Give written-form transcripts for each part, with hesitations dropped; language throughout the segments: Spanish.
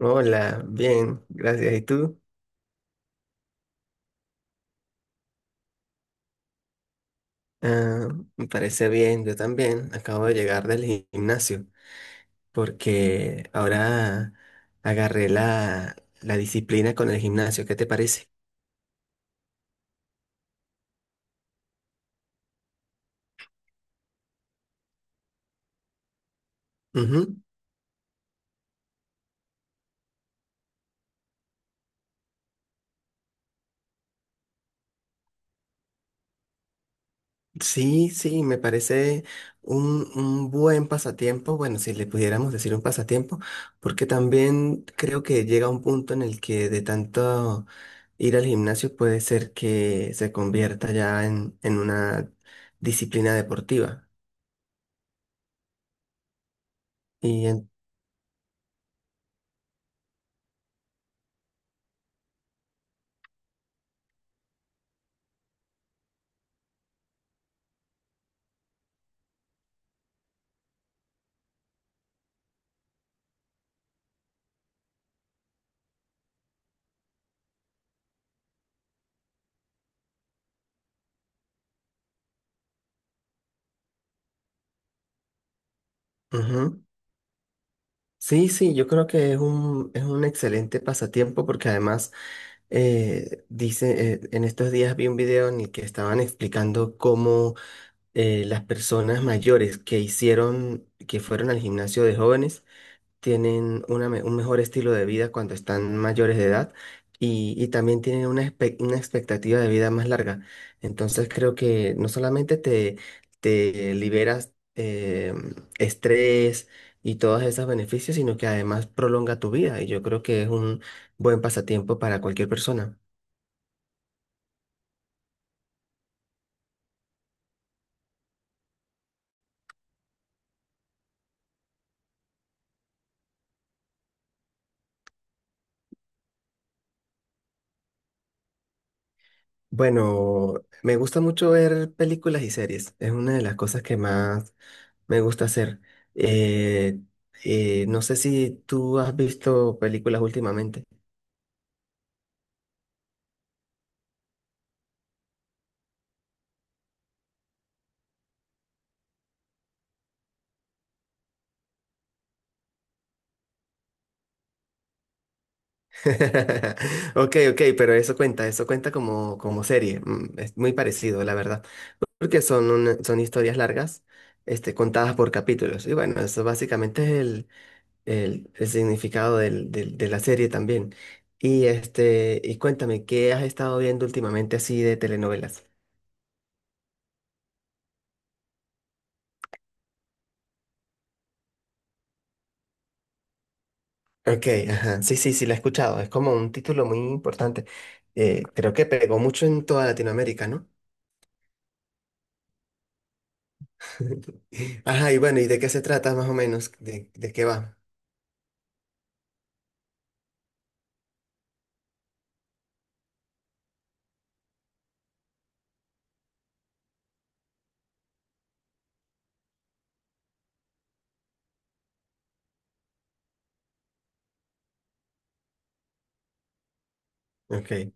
Hola, bien, gracias. ¿Y tú? Ah, me parece bien, yo también. Acabo de llegar del gimnasio porque ahora agarré la disciplina con el gimnasio. ¿Qué te parece? Ujú. Sí, sí, me parece un buen pasatiempo. Bueno, si le pudiéramos decir un pasatiempo, porque también creo que llega un punto en el que de tanto ir al gimnasio puede ser que se convierta ya en una disciplina deportiva. Y en- ujú. Sí, sí, yo creo que es un excelente pasatiempo porque además dice, en estos días vi un video en el que estaban explicando cómo las personas mayores que que fueron al gimnasio de jóvenes, tienen un mejor estilo de vida cuando están mayores de edad y también tienen una, una expectativa de vida más larga. Entonces creo que no solamente te liberas estrés y todos esos beneficios, sino que además prolonga tu vida y yo creo que es un buen pasatiempo para cualquier persona. Bueno, me gusta mucho ver películas y series. Es una de las cosas que más me gusta hacer. Eh, no sé si tú has visto películas últimamente. Ok, ok, pero eso cuenta como, como serie. Es muy parecido, la verdad. Porque son historias largas, contadas por capítulos. Y bueno, eso básicamente es el significado de la serie también. Y, este, y cuéntame, ¿qué has estado viendo últimamente así de telenovelas? Ok, ajá. Sí, sí, sí, la he escuchado. Es como un título muy importante. Creo que pegó mucho en toda Latinoamérica, ¿no? Ajá, y bueno, ¿y de qué se trata más o menos? De qué va? Ok,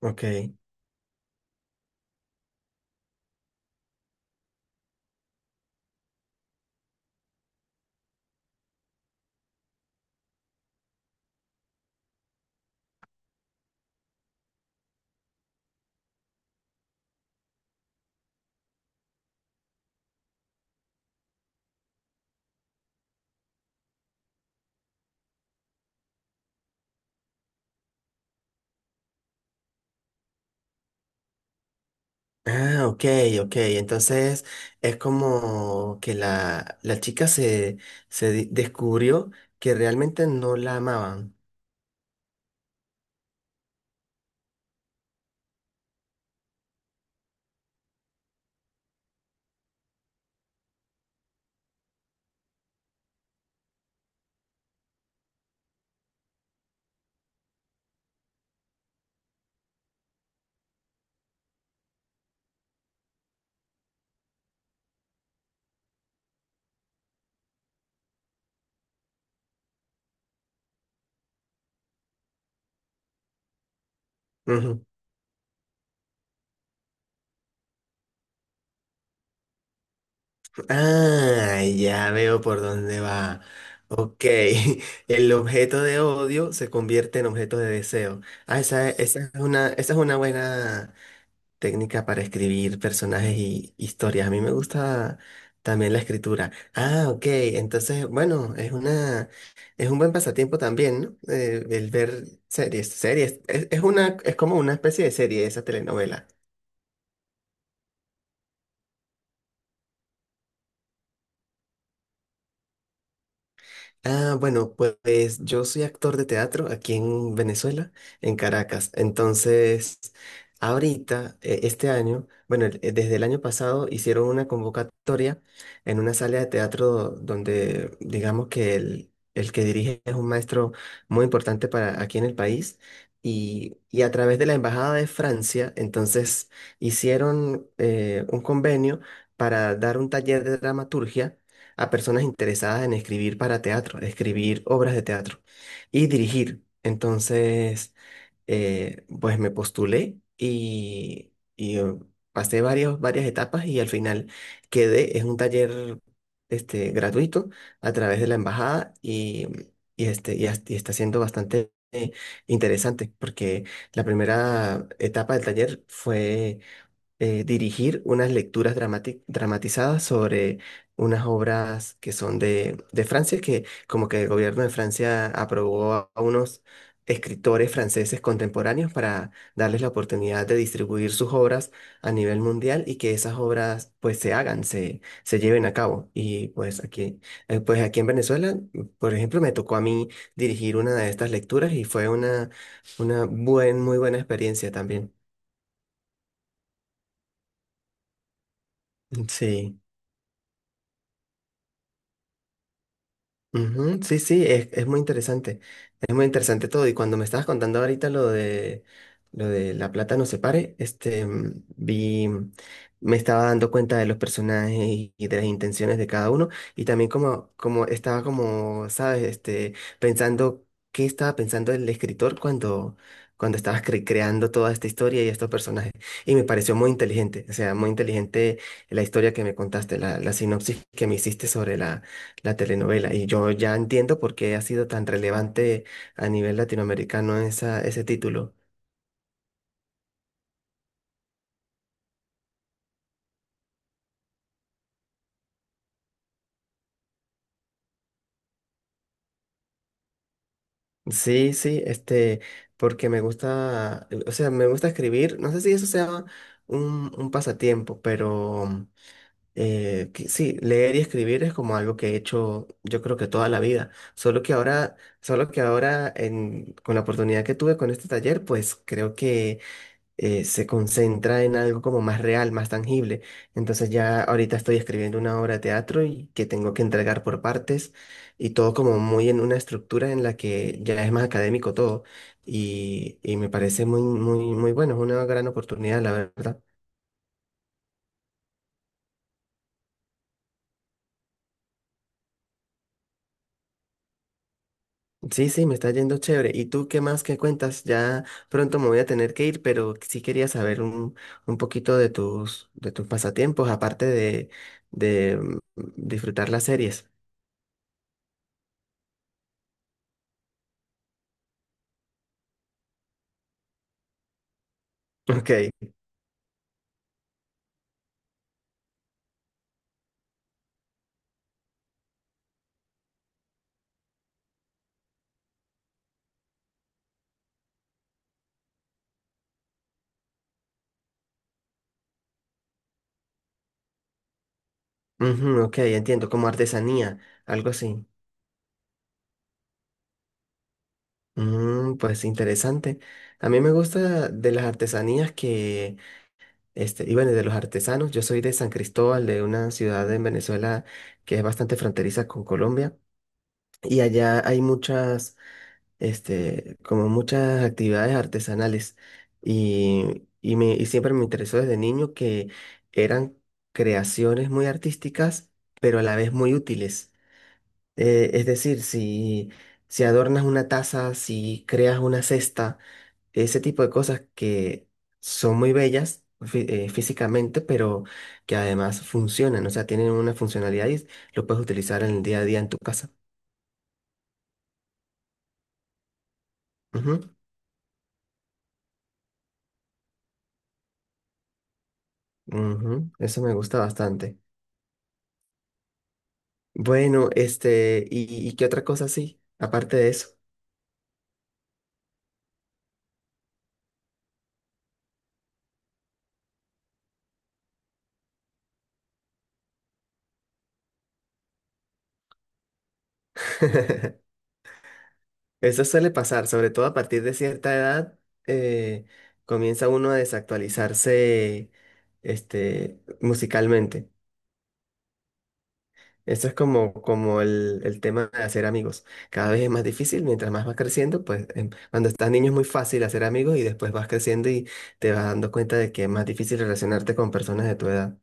ok. Ah, ok, ok. Entonces es como que la chica descubrió que realmente no la amaban. Ah, ya veo por dónde va. Ok, el objeto de odio se convierte en objeto de deseo. Ah, esa es una buena técnica para escribir personajes y historias. A mí me gusta también la escritura. Ah, ok, entonces, bueno, es una, es un buen pasatiempo también, ¿no? El ver series. Es una, es como una especie de serie esa telenovela. Ah, bueno, pues yo soy actor de teatro aquí en Venezuela, en Caracas. Entonces, ahorita, este año, bueno, desde el año pasado hicieron una convocatoria en una sala de teatro donde, digamos que el que dirige es un maestro muy importante para aquí en el país. Y a través de la Embajada de Francia, entonces hicieron un convenio para dar un taller de dramaturgia a personas interesadas en escribir para teatro, escribir obras de teatro y dirigir. Entonces, pues me postulé y, pasé varias etapas y al final quedé, es un taller gratuito a través de la embajada y, y, y está siendo bastante interesante porque la primera etapa del taller fue dirigir unas lecturas dramatizadas sobre unas obras que son de Francia, que como que el gobierno de Francia aprobó a unos escritores franceses contemporáneos para darles la oportunidad de distribuir sus obras a nivel mundial y que esas obras pues se hagan, se lleven a cabo. Y pues aquí en Venezuela, por ejemplo, me tocó a mí dirigir una de estas lecturas y fue una, muy buena experiencia también. Sí. Ujú, sí, sí, es muy interesante. Es muy interesante todo. Y cuando me estabas contando ahorita lo de La plata no se pare, me estaba dando cuenta de los personajes y de las intenciones de cada uno. Y también como, como estaba como, sabes, pensando qué estaba pensando el escritor cuando estaba creando toda esta historia y estos personajes. Y me pareció muy inteligente. O sea, muy inteligente la historia que me contaste, la sinopsis que me hiciste sobre la la telenovela. Y yo ya entiendo por qué ha sido tan relevante a nivel latinoamericano ese título. Sí, sí, porque me gusta, o sea, me gusta escribir. No sé si eso sea un pasatiempo, pero que sí, leer y escribir es como algo que he hecho, yo creo que toda la vida. Solo que ahora con la oportunidad que tuve con este taller, pues creo que se concentra en algo como más real, más tangible. Entonces ya ahorita estoy escribiendo una obra de teatro y que tengo que entregar por partes y todo como muy en una estructura en la que ya es más académico todo y me parece muy, muy, muy bueno, es una gran oportunidad, la verdad. Sí, sí, me está yendo chévere. ¿Y tú qué más que cuentas? Ya pronto me voy a tener que ir, pero sí quería saber un poquito de tus pasatiempos, aparte de disfrutar las series. Ok. Ujú, ok, entiendo, como artesanía, algo así. Mm, pues interesante. A mí me gusta de las artesanías que, de los artesanos. Yo soy de San Cristóbal, de una ciudad en Venezuela que es bastante fronteriza con Colombia. Y allá hay muchas, como muchas actividades artesanales. Y siempre me interesó desde niño que eran creaciones muy artísticas, pero a la vez muy útiles. Es decir, si adornas una taza, si creas una cesta, ese tipo de cosas que son muy bellas físicamente, pero que además funcionan, o sea, tienen una funcionalidad y lo puedes utilizar en el día a día en tu casa. Ujú, ujú, eso me gusta bastante. Bueno, y qué otra cosa sí? Aparte de eso. Eso suele pasar, sobre todo a partir de cierta edad, eh, comienza uno a desactualizarse, musicalmente. Esto es como, como el tema de hacer amigos. Cada vez es más difícil, mientras más vas creciendo, pues cuando estás niño es muy fácil hacer amigos y después vas creciendo y te vas dando cuenta de que es más difícil relacionarte con personas de tu edad.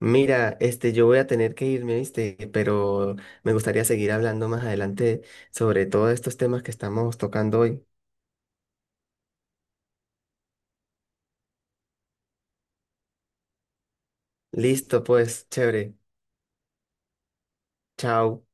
Mira, yo voy a tener que irme, ¿viste? Pero me gustaría seguir hablando más adelante sobre todos estos temas que estamos tocando hoy. Listo, pues, chévere. Chao.